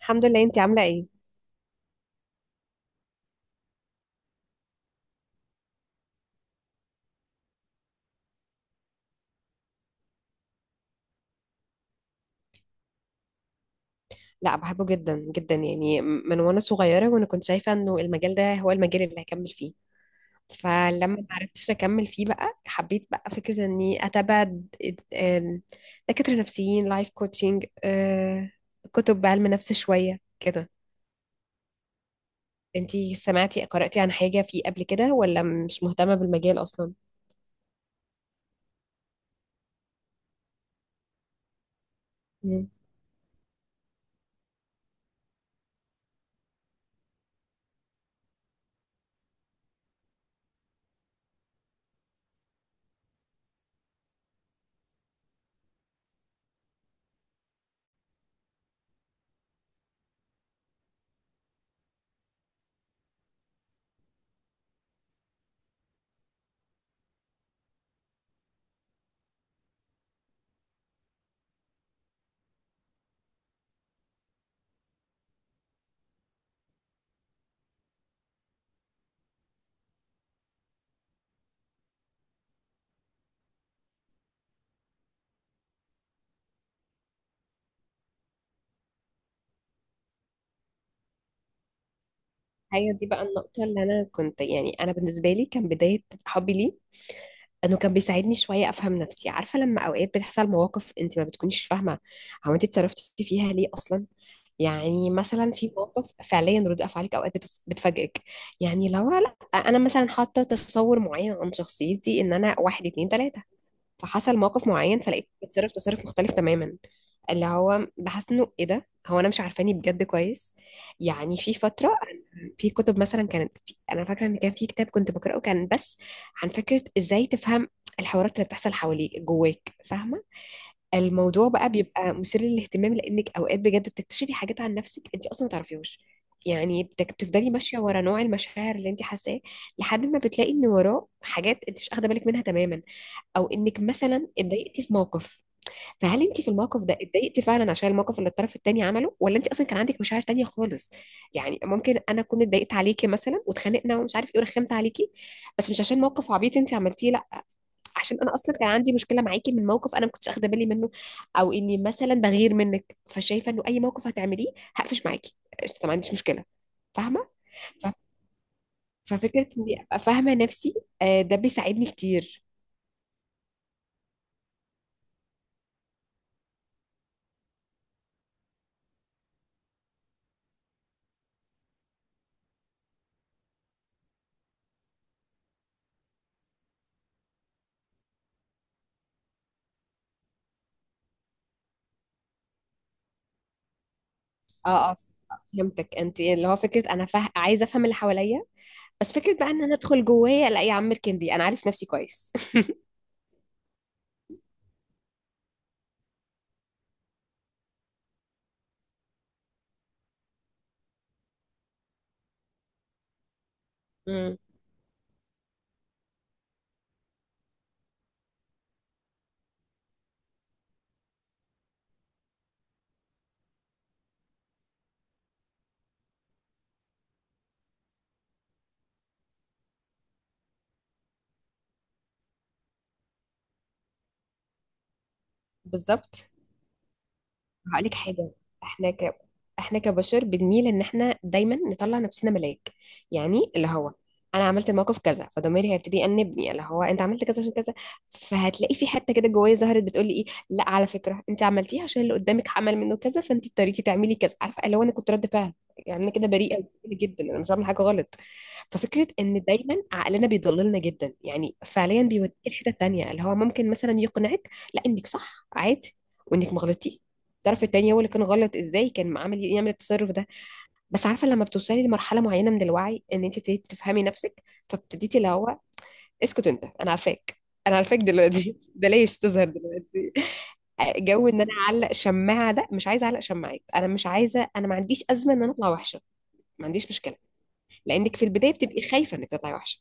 الحمد لله، انتي عاملة ايه؟ لا، بحبه جدا جدا، يعني من وانا صغيرة وانا كنت شايفة انه المجال ده هو المجال اللي هكمل فيه. فلما ما عرفتش اكمل فيه بقى حبيت بقى فكرة اني اتابع د- ام، دكاترة نفسيين لايف كوتشنج، كتب بعلم نفس شوية كده. انتي سمعتي قرأتي عن حاجة فيه قبل كده ولا مش مهتمة بالمجال اصلا؟ مم. هي دي بقى النقطة اللي انا كنت، يعني انا بالنسبة لي كان بداية حبي ليه انه كان بيساعدني شويه افهم نفسي. عارفه، لما اوقات بتحصل مواقف انت ما بتكونيش فاهمه هو انت اتصرفتي فيها ليه اصلا. يعني مثلا في مواقف فعليا رد افعالك اوقات بتفاجئك. يعني لو لا، انا مثلا حاطه تصور معين عن شخصيتي ان انا واحد اتنين تلاته، فحصل موقف معين فلقيت بتصرف تصرف مختلف تماما اللي هو بحس انه ايه ده، هو انا مش عارفاني بجد كويس. يعني في فتره، في كتب مثلا كانت، في انا فاكره ان كان في كتاب كنت بقراه كان بس عن فكره ازاي تفهم الحوارات اللي بتحصل حواليك جواك، فاهمه. الموضوع بقى بيبقى مثير للاهتمام لانك اوقات بجد بتكتشفي حاجات عن نفسك انت اصلا ما تعرفيهوش. يعني بتفضلي ماشيه ورا نوع المشاعر اللي انت حاساه لحد ما بتلاقي ان وراه حاجات انت مش واخده بالك منها تماما. او انك مثلا اتضايقتي في موقف، فهل انت في الموقف ده اتضايقتي فعلا عشان الموقف اللي الطرف التاني عمله ولا انت اصلا كان عندك مشاعر تانية خالص. يعني ممكن انا اكون اتضايقت عليكي مثلا واتخانقنا ومش عارف ايه ورخمت عليكي، بس مش عشان موقف عبيط انت عملتيه، لا، عشان انا اصلا كان عندي مشكله معاكي من موقف انا ما كنتش اخده بالي منه. او اني مثلا بغير منك فشايفه انه اي موقف هتعمليه هقفش معاكي. قشطة، ما عنديش مشكله. فاهمه. ف- ففكره اني ابقى فاهمه نفسي، ده بيساعدني كتير. اه اه، فهمتك. انت اللي هو فكره انا عايزه افهم اللي حواليا، بس فكره بقى ان انا ادخل جوايا، لا يا عم اركن دي انا عارف نفسي كويس امم، بالظبط. هقولك حاجة، احنا احنا كبشر بنميل ان احنا دايما نطلع نفسنا ملاك. يعني اللي هو انا عملت الموقف كذا فضميري هيبتدي يأنبني اللي هو انت عملت كذا عشان كذا، فهتلاقي في حتة كده جوايا ظهرت بتقولي ايه، لا على فكرة انت عملتيها عشان اللي قدامك عمل منه كذا فانت اضطريتي تعملي كذا. عارفة اللي هو انا كنت رد فعل، يعني انا كده بريئة جدا، انا مش بعمل حاجة غلط. ففكرة ان دايما عقلنا بيضللنا جدا، يعني فعليا بيوديك الحتة التانية اللي هو ممكن مثلا يقنعك لا انك صح عادي، وانك مغلطتي، الطرف التاني هو اللي كان غلط، ازاي كان عامل إيه؟ يعمل التصرف ده. بس عارفه لما بتوصلي لمرحله معينه من الوعي ان انت ابتديتي تفهمي نفسك فابتديتي اللي هو اسكت انت انا عارفاك، انا عارفاك دلوقتي بلاش تظهر دلوقتي. جو ان انا اعلق شماعه، ده مش عايزه اعلق شماعات، انا مش عايزه، انا ما عنديش ازمه ان انا اطلع وحشه، ما عنديش مشكله. لانك في البدايه بتبقي خايفه انك تطلعي وحشه.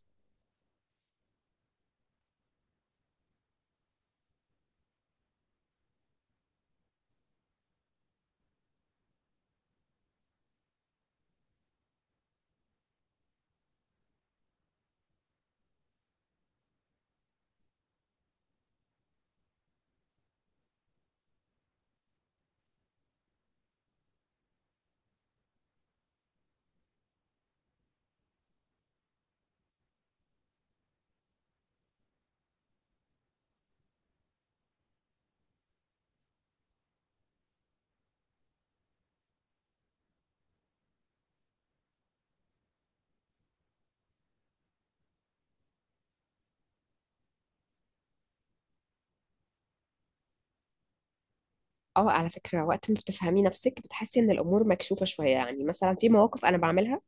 اه على فكره، وقت ما بتفهمي نفسك بتحسي ان الامور مكشوفه شويه. يعني مثلا في مواقف انا بعملها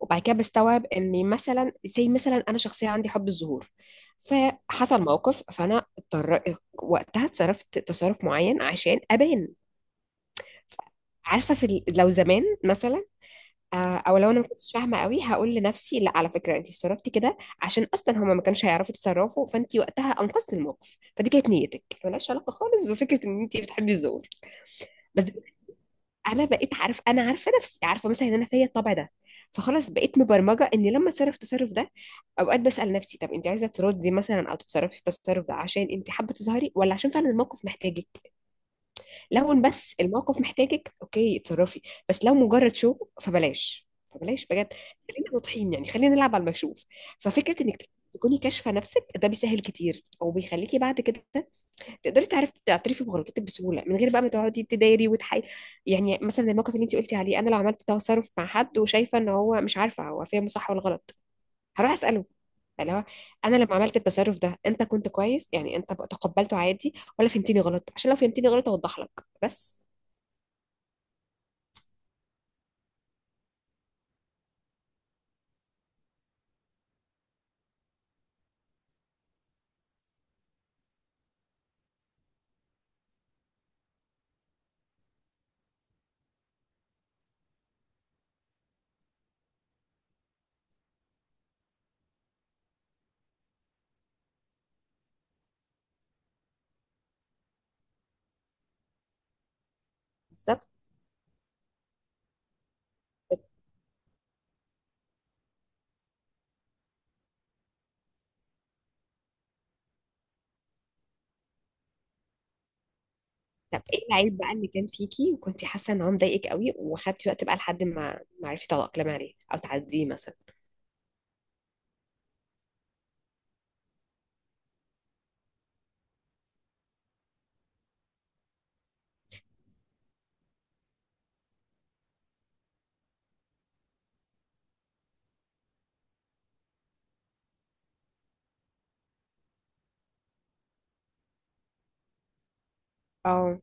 وبعد كده بستوعب اني مثلا زي مثلا انا شخصيه عندي حب الظهور، فحصل موقف فانا اضطر وقتها اتصرفت تصرف معين عشان ابان. عارفه في لو زمان مثلا، او لو انا ما كنتش فاهمه قوي هقول لنفسي لا على فكره انت اتصرفتي كده عشان اصلا هما ما كانش هيعرفوا يتصرفوا فانت وقتها انقذتي الموقف، فدي كانت نيتك ملهاش علاقه خالص بفكره ان انت بتحبي الظهور. بس انا بقيت عارف، انا عارفه نفسي، عارفه مثلا ان انا فيا الطبع ده. فخلاص بقيت مبرمجه اني لما اتصرف التصرف ده اوقات بسال نفسي طب انت عايزه تردي مثلا او تتصرفي التصرف ده عشان انت حابه تظهري ولا عشان فعلا الموقف محتاجك. لو إن بس الموقف محتاجك، اوكي اتصرفي. بس لو مجرد شو، فبلاش فبلاش بجد. خلينا واضحين، يعني خلينا نلعب على المكشوف. ففكره انك تكوني كاشفه نفسك ده بيسهل كتير، او بيخليكي بعد كده تقدري تعرف تعترفي بغلطتك بسهوله من غير بقى ما تقعدي تدايري وتحاي. يعني مثلا زي الموقف اللي انت قلتي عليه، انا لو عملت تصرف مع حد وشايفه ان هو مش عارفه هو فاهمه صح ولا غلط هروح اساله اللي هو انا لما عملت التصرف ده انت كنت كويس، يعني انت بقى تقبلته عادي ولا فهمتني غلط، عشان لو فهمتني غلط اوضح لك. بس بالظبط. طب ايه العيب بقى اللي كان فيكي وكنتي حاسه ان هو مضايقك قوي وخدتي وقت بقى لحد ما ما عرفتي تتاقلمي عليه او تعديه مثلا. اه،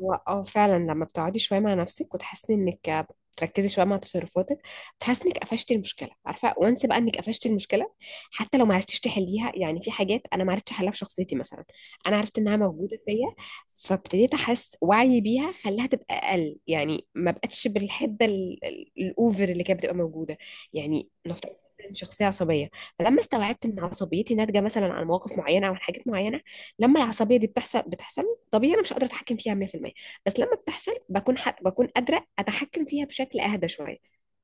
هو اه فعلا لما بتقعدي شويه مع نفسك وتحسي انك بتركزي شويه مع تصرفاتك بتحسي انك قفشتي المشكله. عارفه، وانس بقى انك قفشتي المشكله حتى لو ما عرفتيش تحليها. يعني في حاجات انا ما عرفتش احلها في شخصيتي مثلا، انا عرفت انها موجوده فيا فابتديت احس وعي بيها خلاها تبقى اقل. يعني ما بقتش بالحده الاوفر اللي كانت بتبقى موجوده. يعني نفترض إن شخصيه عصبيه، فلما استوعبت ان عصبيتي ناتجه مثلا عن مواقف معينه او عن حاجات معينه لما العصبيه دي بتحصل بتحصل طبيعي انا مش قادره اتحكم فيها 100%، بس لما بتحصل بكون حق بكون قادره اتحكم فيها بشكل اهدى شويه.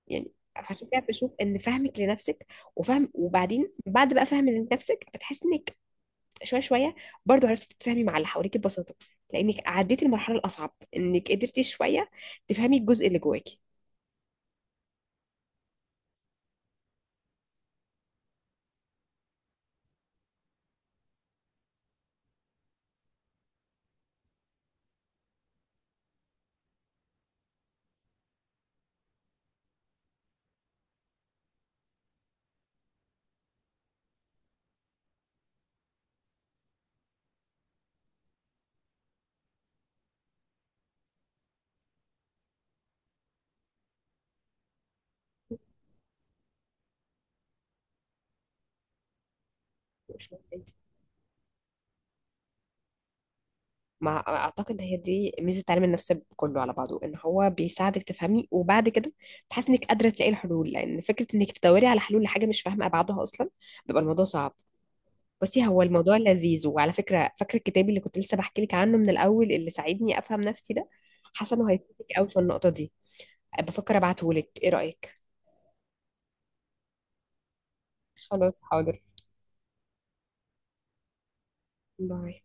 يعني عشان كده بشوف ان فهمك لنفسك وفهم، وبعدين بعد بقى فهم لنفسك بتحس انك شويه شويه برضو عرفتي تتفاهمي مع اللي حواليك ببساطه، لانك عديتي المرحله الاصعب انك قدرتي شويه تفهمي الجزء اللي جواكي. ما اعتقد هي دي ميزه التعليم النفسي كله على بعضه، ان هو بيساعدك تفهمي وبعد كده بتحس انك قادره تلاقي الحلول، لان فكره انك تدوري على حلول لحاجه مش فاهمه ابعادها اصلا بيبقى الموضوع صعب. بصي، هو الموضوع لذيذ، وعلى فكره فاكره الكتاب اللي كنت لسه بحكي لك عنه من الاول اللي ساعدني افهم نفسي ده حاسه انه هيفيدك قوي في النقطه دي. بفكر ابعته لك، ايه رايك؟ خلاص حاضر. باي.